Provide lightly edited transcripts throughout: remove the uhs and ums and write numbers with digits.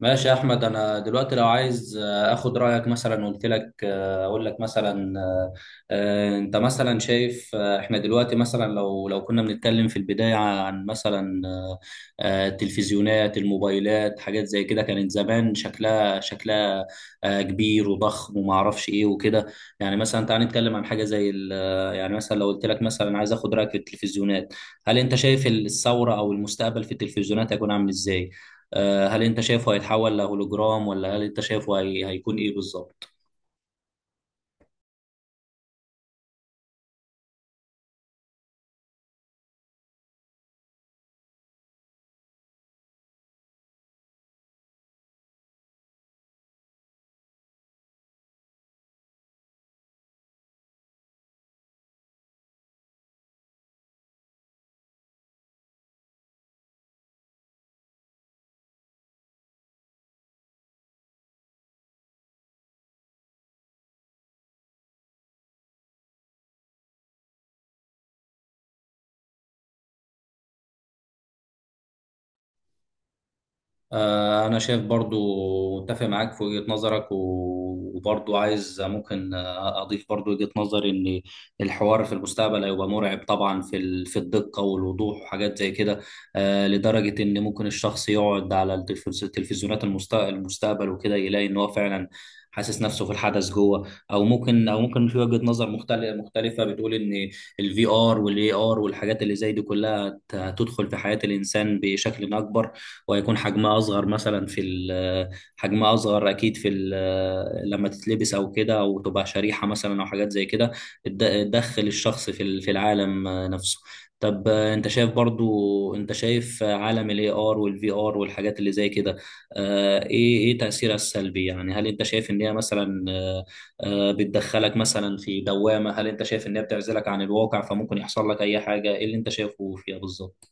ماشي يا احمد، انا دلوقتي لو عايز اخد رايك، مثلا قلت لك اقول لك مثلا انت مثلا شايف، احنا دلوقتي مثلا لو كنا بنتكلم في البدايه عن مثلا التلفزيونات، الموبايلات، حاجات زي كده كانت زمان شكلها كبير وضخم، وما اعرفش ايه وكده. يعني مثلا تعال نتكلم عن حاجه زي يعني مثلا لو قلت لك مثلا عايز اخد رايك في التلفزيونات. هل انت شايف الثوره او المستقبل في التلفزيونات هيكون عامل ازاي؟ هل انت شايفه هيتحول لهولوجرام؟ ولا هل انت شايفه هيكون ايه بالظبط؟ أنا شايف، برضو متفق معاك في وجهة نظرك، وبرضو عايز ممكن أضيف برضو وجهة نظري إن الحوار في المستقبل هيبقى مرعب طبعا في في الدقة والوضوح، وحاجات زي كده، لدرجة إن ممكن الشخص يقعد على التلفزيونات المستقبل وكده، يلاقي إن هو فعلا حاسس نفسه في الحدث جوه، او ممكن، في وجهة نظر مختلفة، مختلفة بتقول ان الفي ار والاي ار والحاجات اللي زي دي كلها هتدخل في حياة الانسان بشكل اكبر، وهيكون حجمها اصغر مثلا في حجمها اصغر اكيد في لما تتلبس او كده، او تبقى شريحه مثلا، او حاجات زي كده تدخل الشخص في في العالم نفسه. طب انت شايف، برضو انت شايف عالم الاي ار والفي ار والحاجات اللي زي كده، ايه تاثيرها السلبي؟ يعني هل انت شايف ان هي مثلا بتدخلك مثلا في دوامه؟ هل انت شايف ان هي بتعزلك عن الواقع، فممكن يحصل لك اي حاجه؟ ايه اللي انت شايفه فيها بالظبط؟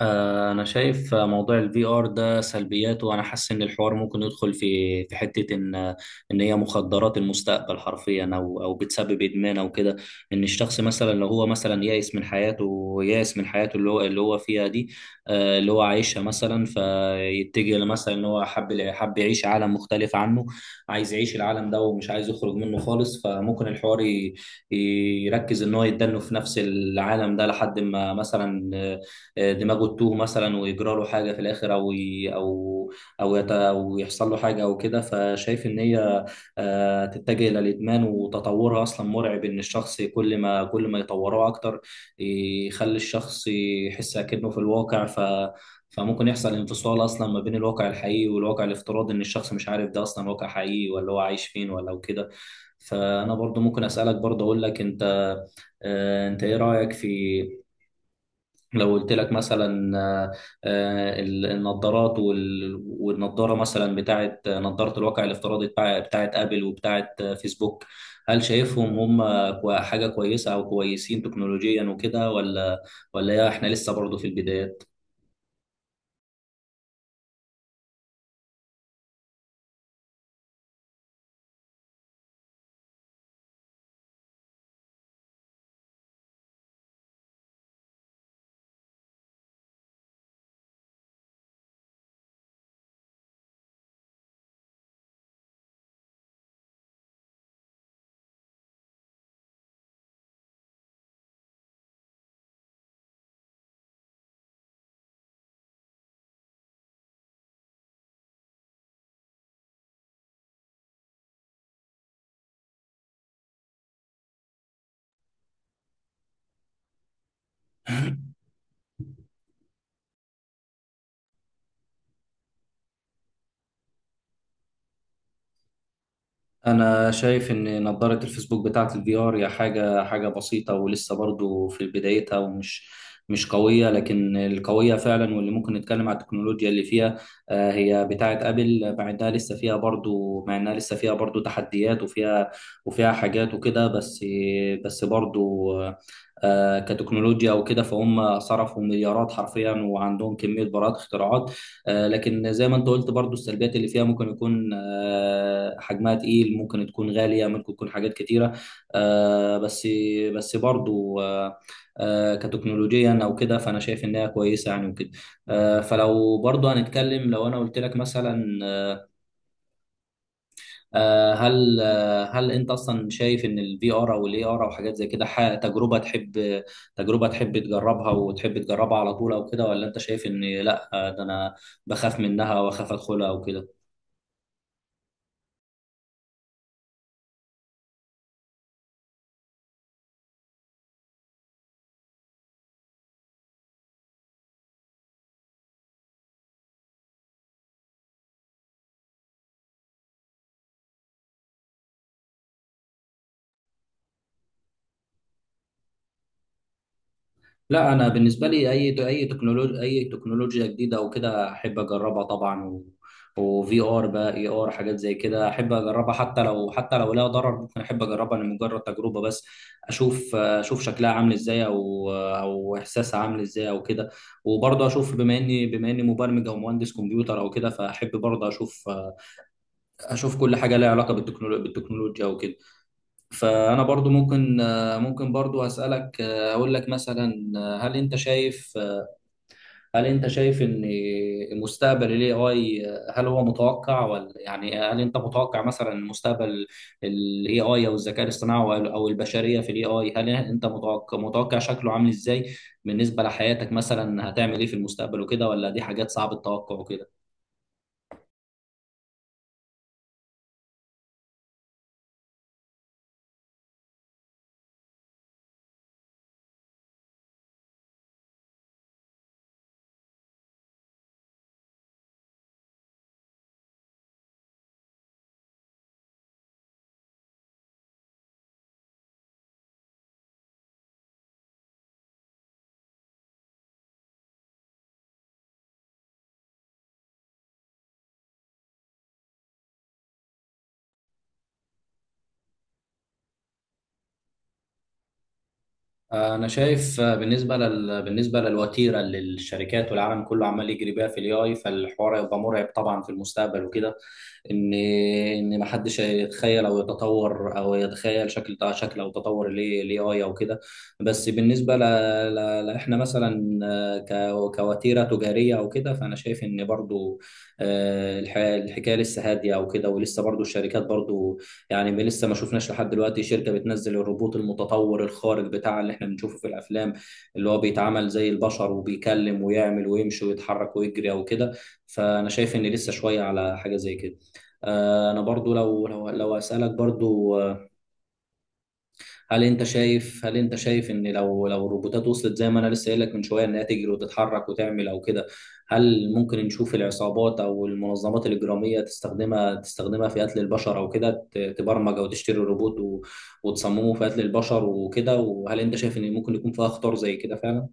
انا شايف موضوع الفي ار ده سلبياته، وانا حاسس ان الحوار ممكن يدخل في حته، ان ان هي مخدرات المستقبل حرفيا، او بتسبب ادمان او كده. ان الشخص مثلا، لو هو مثلا يائس من حياته، يائس من حياته اللي هو فيها دي، اللي هو عايشها مثلا، فيتجه لمثلا ان هو حب يعيش عالم مختلف عنه، عايز يعيش العالم ده ومش عايز يخرج منه خالص، فممكن الحوار يركز ان هو يتدنه في نفس العالم ده، لحد ما مثلا دماغه تتوه مثلا، ويجرى له حاجه في الاخر، او أو يحصل له حاجه او كده، فشايف ان هي تتجه الى الادمان، وتطورها اصلا مرعب، ان الشخص كل ما يطوروه اكتر يخلي الشخص يحس اكنه في الواقع. فممكن يحصل انفصال اصلا ما بين الواقع الحقيقي والواقع الافتراضي، ان الشخص مش عارف ده اصلا واقع حقيقي، ولا هو عايش فين، ولا وكده. فانا برضو ممكن اسالك، برضو اقول لك انت، انت ايه رايك في، لو قلت لك مثلا آه، النظارات والنظاره مثلا بتاعه، نظاره الواقع الافتراضي بتاعه ابل وبتاعه فيسبوك، هل شايفهم هم حاجه كويسه او كويسين تكنولوجيا وكده، ولا يا احنا لسه برضه في البدايات؟ انا شايف ان نظارة الفيسبوك بتاعت الفي ار هي حاجة بسيطة، ولسه برضو في بدايتها، ومش مش قوية، لكن القوية فعلا واللي ممكن نتكلم على التكنولوجيا اللي فيها هي بتاعت ابل، مع انها لسه فيها برضو تحديات، وفيها وفيها حاجات وكده، بس برضو كتكنولوجيا وكده، فهم صرفوا مليارات حرفيا، وعندهم كمية براءات اختراعات. لكن زي ما انت قلت برضو، السلبيات اللي فيها ممكن يكون حجمها تقيل، ممكن تكون غالية، ممكن تكون حاجات كتيرة، آه، بس بس برضو كتكنولوجيا او كده، فانا شايف انها كويسة يعني وكده. فلو برضو هنتكلم، لو انا قلت لك مثلا هل انت اصلا شايف ان الفي ار او الاي ار او حاجات زي كده تجربة تحب تجربها وتحب تجربها على طول او كده؟ ولا انت شايف ان لا، ده انا بخاف منها، واخاف ادخلها او كده؟ لا، انا بالنسبه لي اي تكنولوجيا جديده او كده احب اجربها طبعا... و... وفي ار بقى، اي ار، حاجات زي كده احب اجربها، حتى لو لها ضرر، ممكن احب اجربها لمجرد تجربه بس، اشوف شكلها عامل ازاي، او احساسها عامل ازاي او كده. وبرضه اشوف، بما اني مبرمج او مهندس كمبيوتر او كده، فاحب برضه اشوف كل حاجه لها علاقه بالتكنولوجيا او كده. فانا برضه ممكن برضه اسالك، اقول لك مثلا، هل انت شايف، هل انت شايف ان مستقبل ال AI هل هو متوقع؟ ولا يعني هل انت متوقع مثلا مستقبل ال AI، او الذكاء الاصطناعي، أو البشرية في ال AI، هل انت متوقع شكله عامل ازاي بالنسبة لحياتك مثلا؟ هتعمل ايه في المستقبل وكده؟ ولا دي حاجات صعب التوقع وكده؟ انا شايف بالنسبة بالنسبة للوتيرة اللي الشركات والعالم كله عمال يجري بيها في ال AI، فالحوار هيبقى مرعب طبعا في المستقبل وكده، ان ما حدش يتخيل، او يتطور، او يتخيل شكل او تطور الاي اي او كده. بس بالنسبه احنا مثلا كوتيره تجاريه او كده، فانا شايف ان برضو الحكايه لسه هاديه او كده، ولسه برضو الشركات برضو، يعني لسه ما شفناش لحد دلوقتي شركه بتنزل الروبوت المتطور الخارق بتاع اللي احنا بنشوفه في الافلام، اللي هو بيتعامل زي البشر، وبيكلم ويعمل ويمشي ويتحرك ويجري او كده. فانا شايف ان لسه شويه على حاجه زي كده. انا برضو، لو اسالك برضو هل انت شايف ان، لو الروبوتات وصلت زي ما انا لسه قايل لك من شويه، انها تجري وتتحرك وتعمل او كده، هل ممكن نشوف العصابات او المنظمات الاجراميه تستخدمها في قتل البشر او كده، تبرمج او تشتري روبوت وتصممه في قتل البشر وكده؟ وهل انت شايف ان ممكن يكون فيها خطر زي كده فعلا؟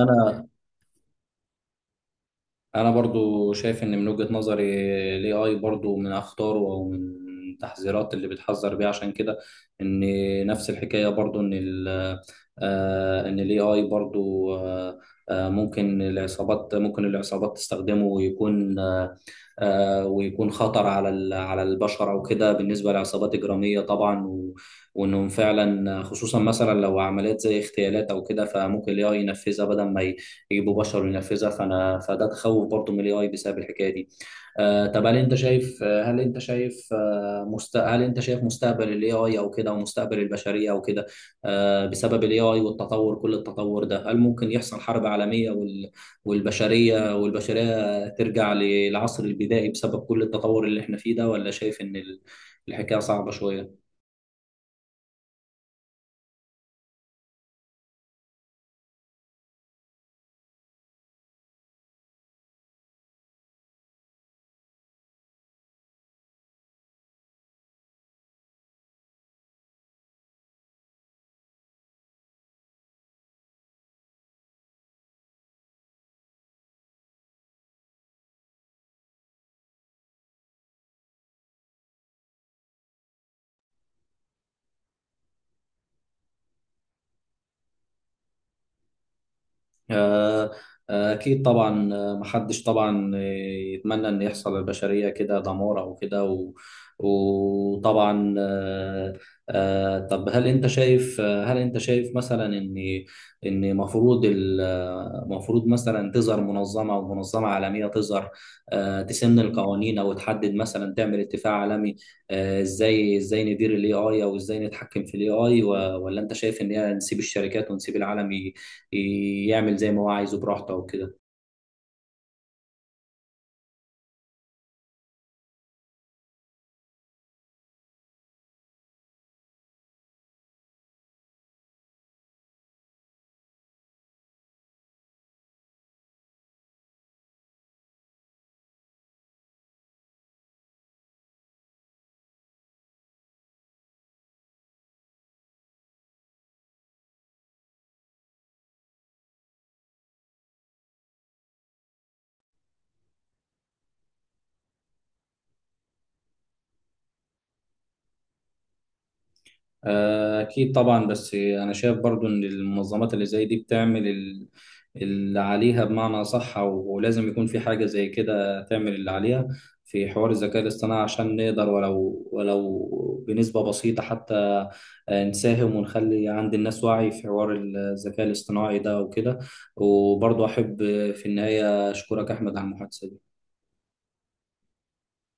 انا انا برضو شايف ان من وجهة نظري الاي اي برضو من اخطاره، او من التحذيرات اللي بتحذر بيها عشان كده، ان نفس الحكاية برضو ان ان الاي اي برضو ممكن العصابات تستخدمه، ويكون خطر على على البشر او كده، بالنسبه لعصابات اجراميه طبعا، وانهم فعلا، خصوصا مثلا لو عمليات زي اغتيالات او كده، فممكن الاي اي ينفذها بدل ما يجيبوا بشر ينفذها، فانا فده تخوف برضو من الاي اي بسبب الحكايه دي. طب هل انت شايف آه، هل انت شايف آه، هل انت شايف مستقبل الاي اي او كده، ومستقبل البشريه او كده، بسبب الاي اي والتطور، كل التطور ده، هل ممكن يحصل حرب عالميه والبشريه ترجع للعصر البدائي، بسبب كل التطور اللي احنا فيه ده؟ ولا شايف ان الحكايه صعبه شويه؟ آه، أكيد طبعا، محدش طبعا يتمنى إن يحصل للبشرية كده دمار أو كده، وطبعا طب هل أنت شايف مثلا إن المفروض مثلا تظهر منظمة، أو منظمة عالمية تظهر تسن القوانين، أو تحدد مثلا، تعمل اتفاق عالمي إزاي ندير ال AI، أو إزاي نتحكم في ال AI، ولا أنت شايف إن هي نسيب الشركات، ونسيب العالم يعمل زي ما هو عايزه براحته وكده؟ أكيد طبعا، بس أنا شايف برضو إن المنظمات اللي زي دي بتعمل اللي عليها بمعنى صح، ولازم يكون في حاجة زي كده تعمل اللي عليها في حوار الذكاء الاصطناعي، عشان نقدر ولو بنسبة بسيطة حتى نساهم، ونخلي عند الناس وعي في حوار الذكاء الاصطناعي ده وكده. وبرضو أحب في النهاية أشكرك أحمد على المحادثة دي.